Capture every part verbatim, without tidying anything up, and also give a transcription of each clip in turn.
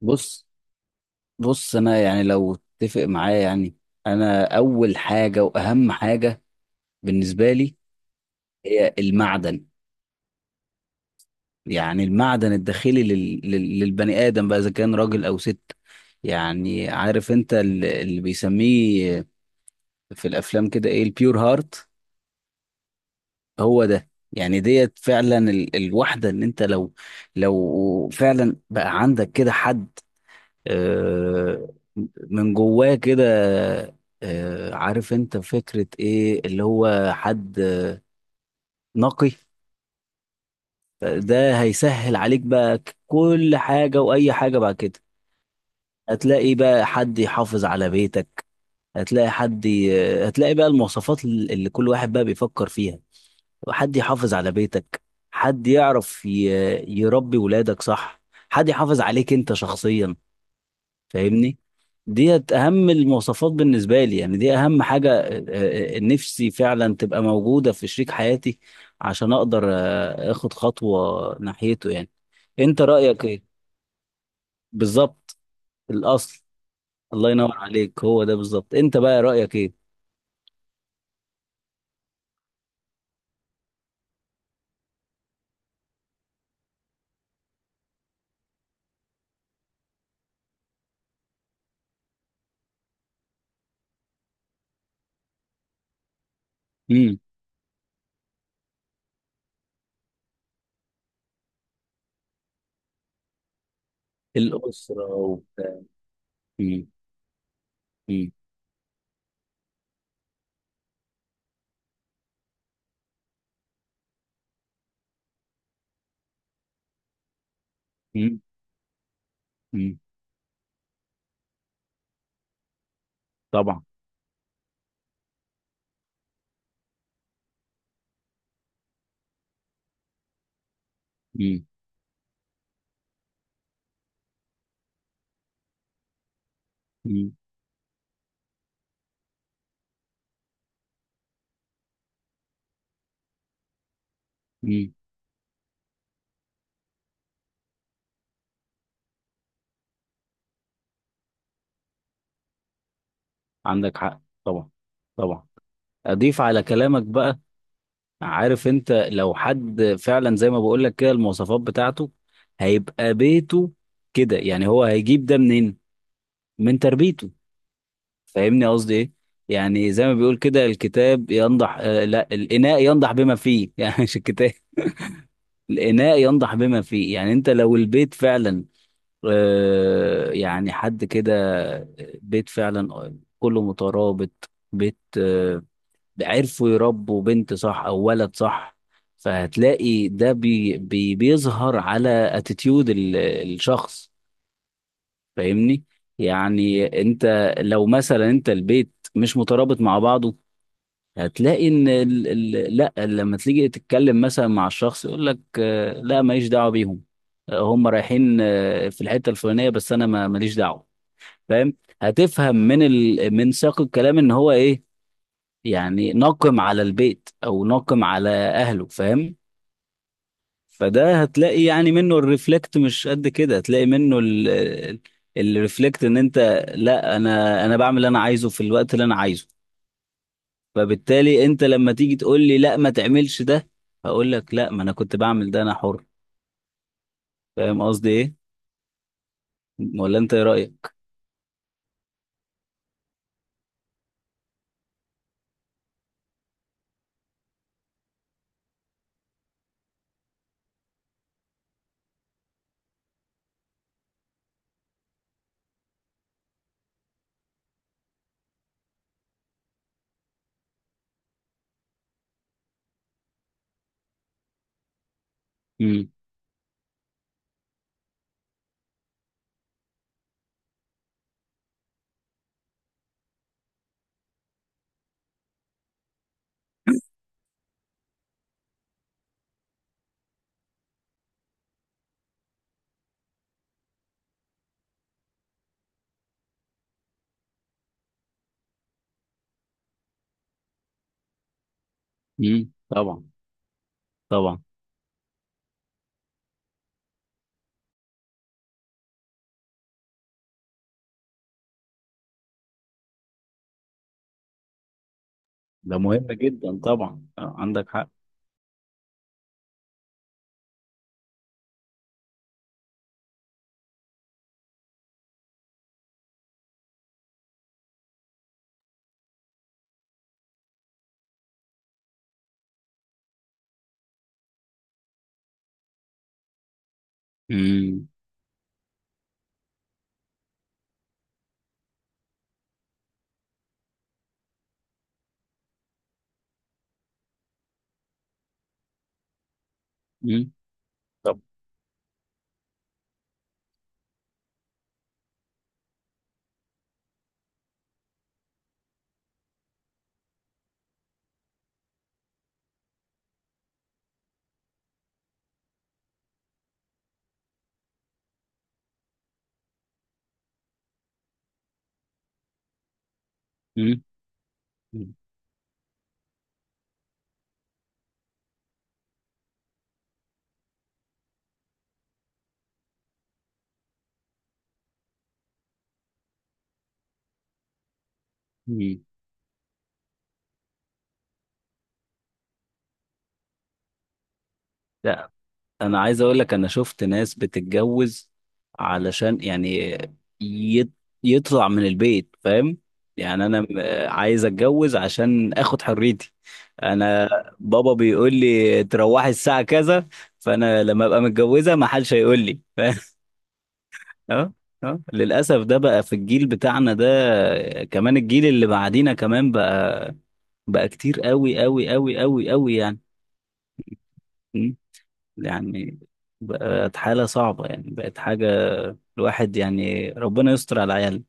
بص بص انا يعني لو اتفق معايا، يعني انا اول حاجه واهم حاجه بالنسبه لي هي المعدن. يعني المعدن الداخلي لل... لل... للبني ادم، بقى اذا كان راجل او ست. يعني عارف انت ال- اللي بيسميه في الافلام كده ايه؟ البيور هارت. هو ده يعني، ديت فعلا ال... الواحده، ان انت لو لو فعلا بقى عندك كده حد، آه، من جواه كده، آه، عارف انت فكرة ايه؟ اللي هو حد نقي. ده هيسهل عليك بقى كل حاجة وأي حاجة بعد كده. هتلاقي بقى حد يحافظ على بيتك، هتلاقي حد ي... هتلاقي بقى المواصفات اللي كل واحد بقى بيفكر فيها، حد يحافظ على بيتك، حد يعرف ي... يربي ولادك صح، حد يحافظ عليك انت شخصيا، فاهمني؟ ديت اهم المواصفات بالنسبه لي، يعني دي اهم حاجه آه، آه، آه، نفسي فعلا تبقى موجوده في شريك حياتي، عشان اقدر آه، اخد خطوه ناحيته يعني. انت رايك ايه؟ بالظبط. الاصل. الله ينور عليك، هو ده بالظبط. انت بقى رايك ايه؟ امم. الاسره وبتاع. امم. امم. امم. أمم. طبعا. امم. امم. أمم. عندك حق طبعا. طبعا. اضيف على كلامك بقى، عارف انت لو حد فعلا زي ما بقول لك كده المواصفات بتاعته هيبقى بيته كده، يعني هو هيجيب ده منين؟ من تربيته. فاهمني قصدي ايه؟ يعني زي ما بيقول كده، الكتاب ينضح، آه لا، الاناء ينضح بما فيه يعني مش الكتاب. الاناء ينضح بما فيه. يعني انت لو البيت فعلا آه يعني حد كده، آه، بيت فعلا كله مترابط، بيت، آه، عرفوا يربوا بنت صح او ولد صح، فهتلاقي ده بي بي بيظهر على اتيتيود الشخص، فاهمني؟ يعني انت لو مثلا انت البيت مش مترابط مع بعضه، هتلاقي ان ال ال لا، لما تيجي تتكلم مثلا مع الشخص يقول لك آه، لا ماليش دعوه بيهم، آه، هم رايحين آه، في الحته الفلانيه، بس انا ما- ماليش دعوه، فاهم؟ هتفهم من ال من سياق الكلام ان هو ايه، يعني ناقم على البيت او ناقم على اهله، فاهم؟ فده هتلاقي يعني منه الريفلكت، مش قد كده هتلاقي منه ال- الريفلكت ان انت لا، انا انا بعمل اللي انا عايزه في الوقت اللي انا عايزه، فبالتالي انت لما تيجي تقول لي لا ما تعملش ده، هقول لك لا، ما انا كنت بعمل ده، انا حر. فاهم قصدي ايه؟ ولا انت ايه رايك؟ امم. امم. طبعا. طبعا، ده مهم جدا طبعا، آه، عندك حق. امم. امم. طب. امم. امم. انا عايز اقول لك، انا شفت ناس بتتجوز علشان يعني يت- يطلع من البيت، فاهم؟ يعني انا م- عايز اتجوز عشان اخد حريتي. انا بابا بيقول لي تروحي الساعة كذا، فانا لما ابقى متجوزة ما حدش هيقول لي فاهم؟ اه. اه. للاسف ده بقى في الجيل بتاعنا ده، كمان الجيل اللي بعدينا كمان بقى. بقى كتير قوي قوي قوي قوي قوي يعني، يعني بقت حالة صعبة، يعني بقت حاجة، الواحد يعني ربنا يستر على العيال.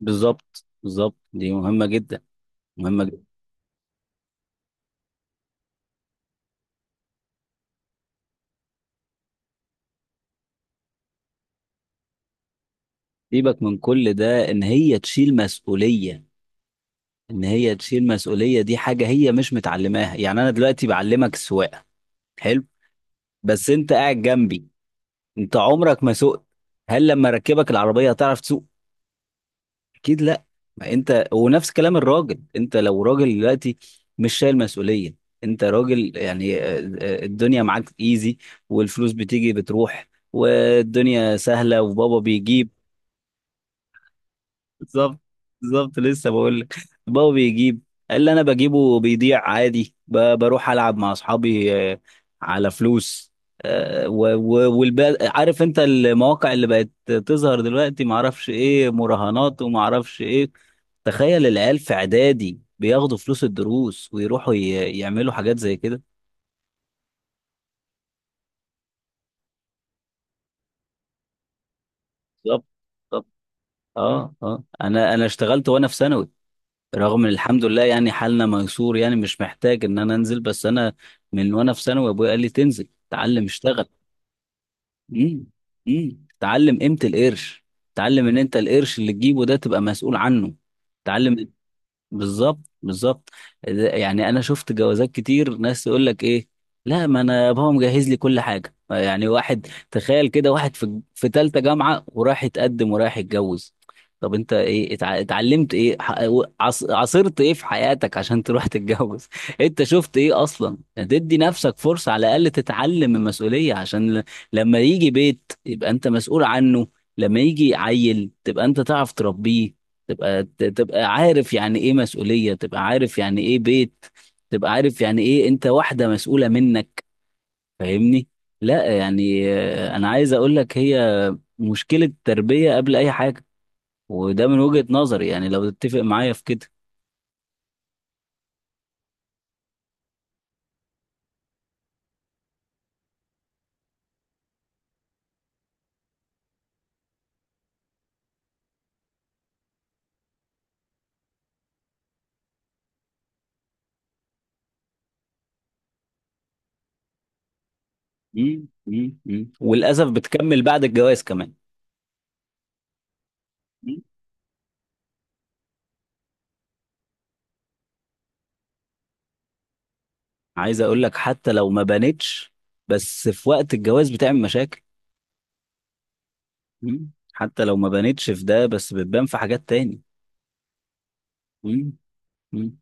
بالظبط بالظبط، دي مهمة جدا، مهمة جدا. سيبك من كل ده، إن هي تشيل مسؤولية، إن هي تشيل مسؤولية دي حاجة هي مش متعلماها. يعني أنا دلوقتي بعلمك السواقة، حلو، بس أنت قاعد جنبي، أنت عمرك ما سوقت، هل لما ركبك العربية هتعرف تسوق؟ اكيد لا. ما انت ونفس كلام الراجل، انت لو راجل دلوقتي مش شايل مسؤوليه، انت راجل يعني، آه، آه، الدنيا معاك ايزي، والفلوس بتيجي بتروح والدنيا سهله وبابا بيجيب. بالظبط. بالظبط لسه بقول لك، بابا بيجيب، اللي انا بجيبه بيضيع عادي، ب- بروح العب مع اصحابي آه، على فلوس، آه، و- و- والب عارف انت المواقع اللي بقت تظهر دلوقتي، معرفش ايه مراهنات ومعرفش ايه. تخيل العيال في اعدادي بياخدوا فلوس الدروس، ويروحوا ي- يعملوا حاجات زي كده. بالظبط. بالظبط. اه. اه. انا انا اشتغلت وانا في ثانوي، رغم ان الحمد لله يعني حالنا ميسور، يعني مش محتاج ان انا انزل، بس انا من وانا في ثانوي ابويا قال لي تنزل تعلم اشتغل. امم. امم. تعلم قيمة القرش، تعلم ان انت القرش اللي تجيبه ده تبقى مسؤول عنه، تعلم. بالظبط بالظبط. ده- يعني انا شفت جوازات كتير، ناس يقول لك ايه، لا ما انا بابا مجهز لي كل حاجه. يعني واحد، تخيل كده واحد في في ثالثه جامعه ورايح يتقدم ورايح يتجوز. طب انت ايه اتع- اتعلمت ايه، ح- عص- عاصرت ايه في حياتك عشان تروح تتجوز انت شفت ايه اصلا؟ تدي نفسك فرصه على الاقل تتعلم المسؤوليه، عشان ل- لما يجي بيت يبقى انت مسؤول عنه، لما يجي عيل تبقى انت تعرف تربيه، تبقى ت- تبقى عارف يعني ايه مسؤولية، تبقى عارف يعني ايه بيت، تبقى عارف يعني ايه انت واحدة مسؤولة منك. فاهمني؟ لا يعني آه، انا عايز اقول لك، هي مشكلة تربية قبل اي حاجة، وده من وجهة نظري يعني لو تتفق معايا في كده. مم، مم، مم. وللأسف بتكمل بعد الجواز كمان. مم. عايز اقول لك حتى لو ما بانتش بس في وقت الجواز بتعمل مشاكل. مم. حتى لو ما بانتش في ده بس بتبان في حاجات تاني. مم، مم.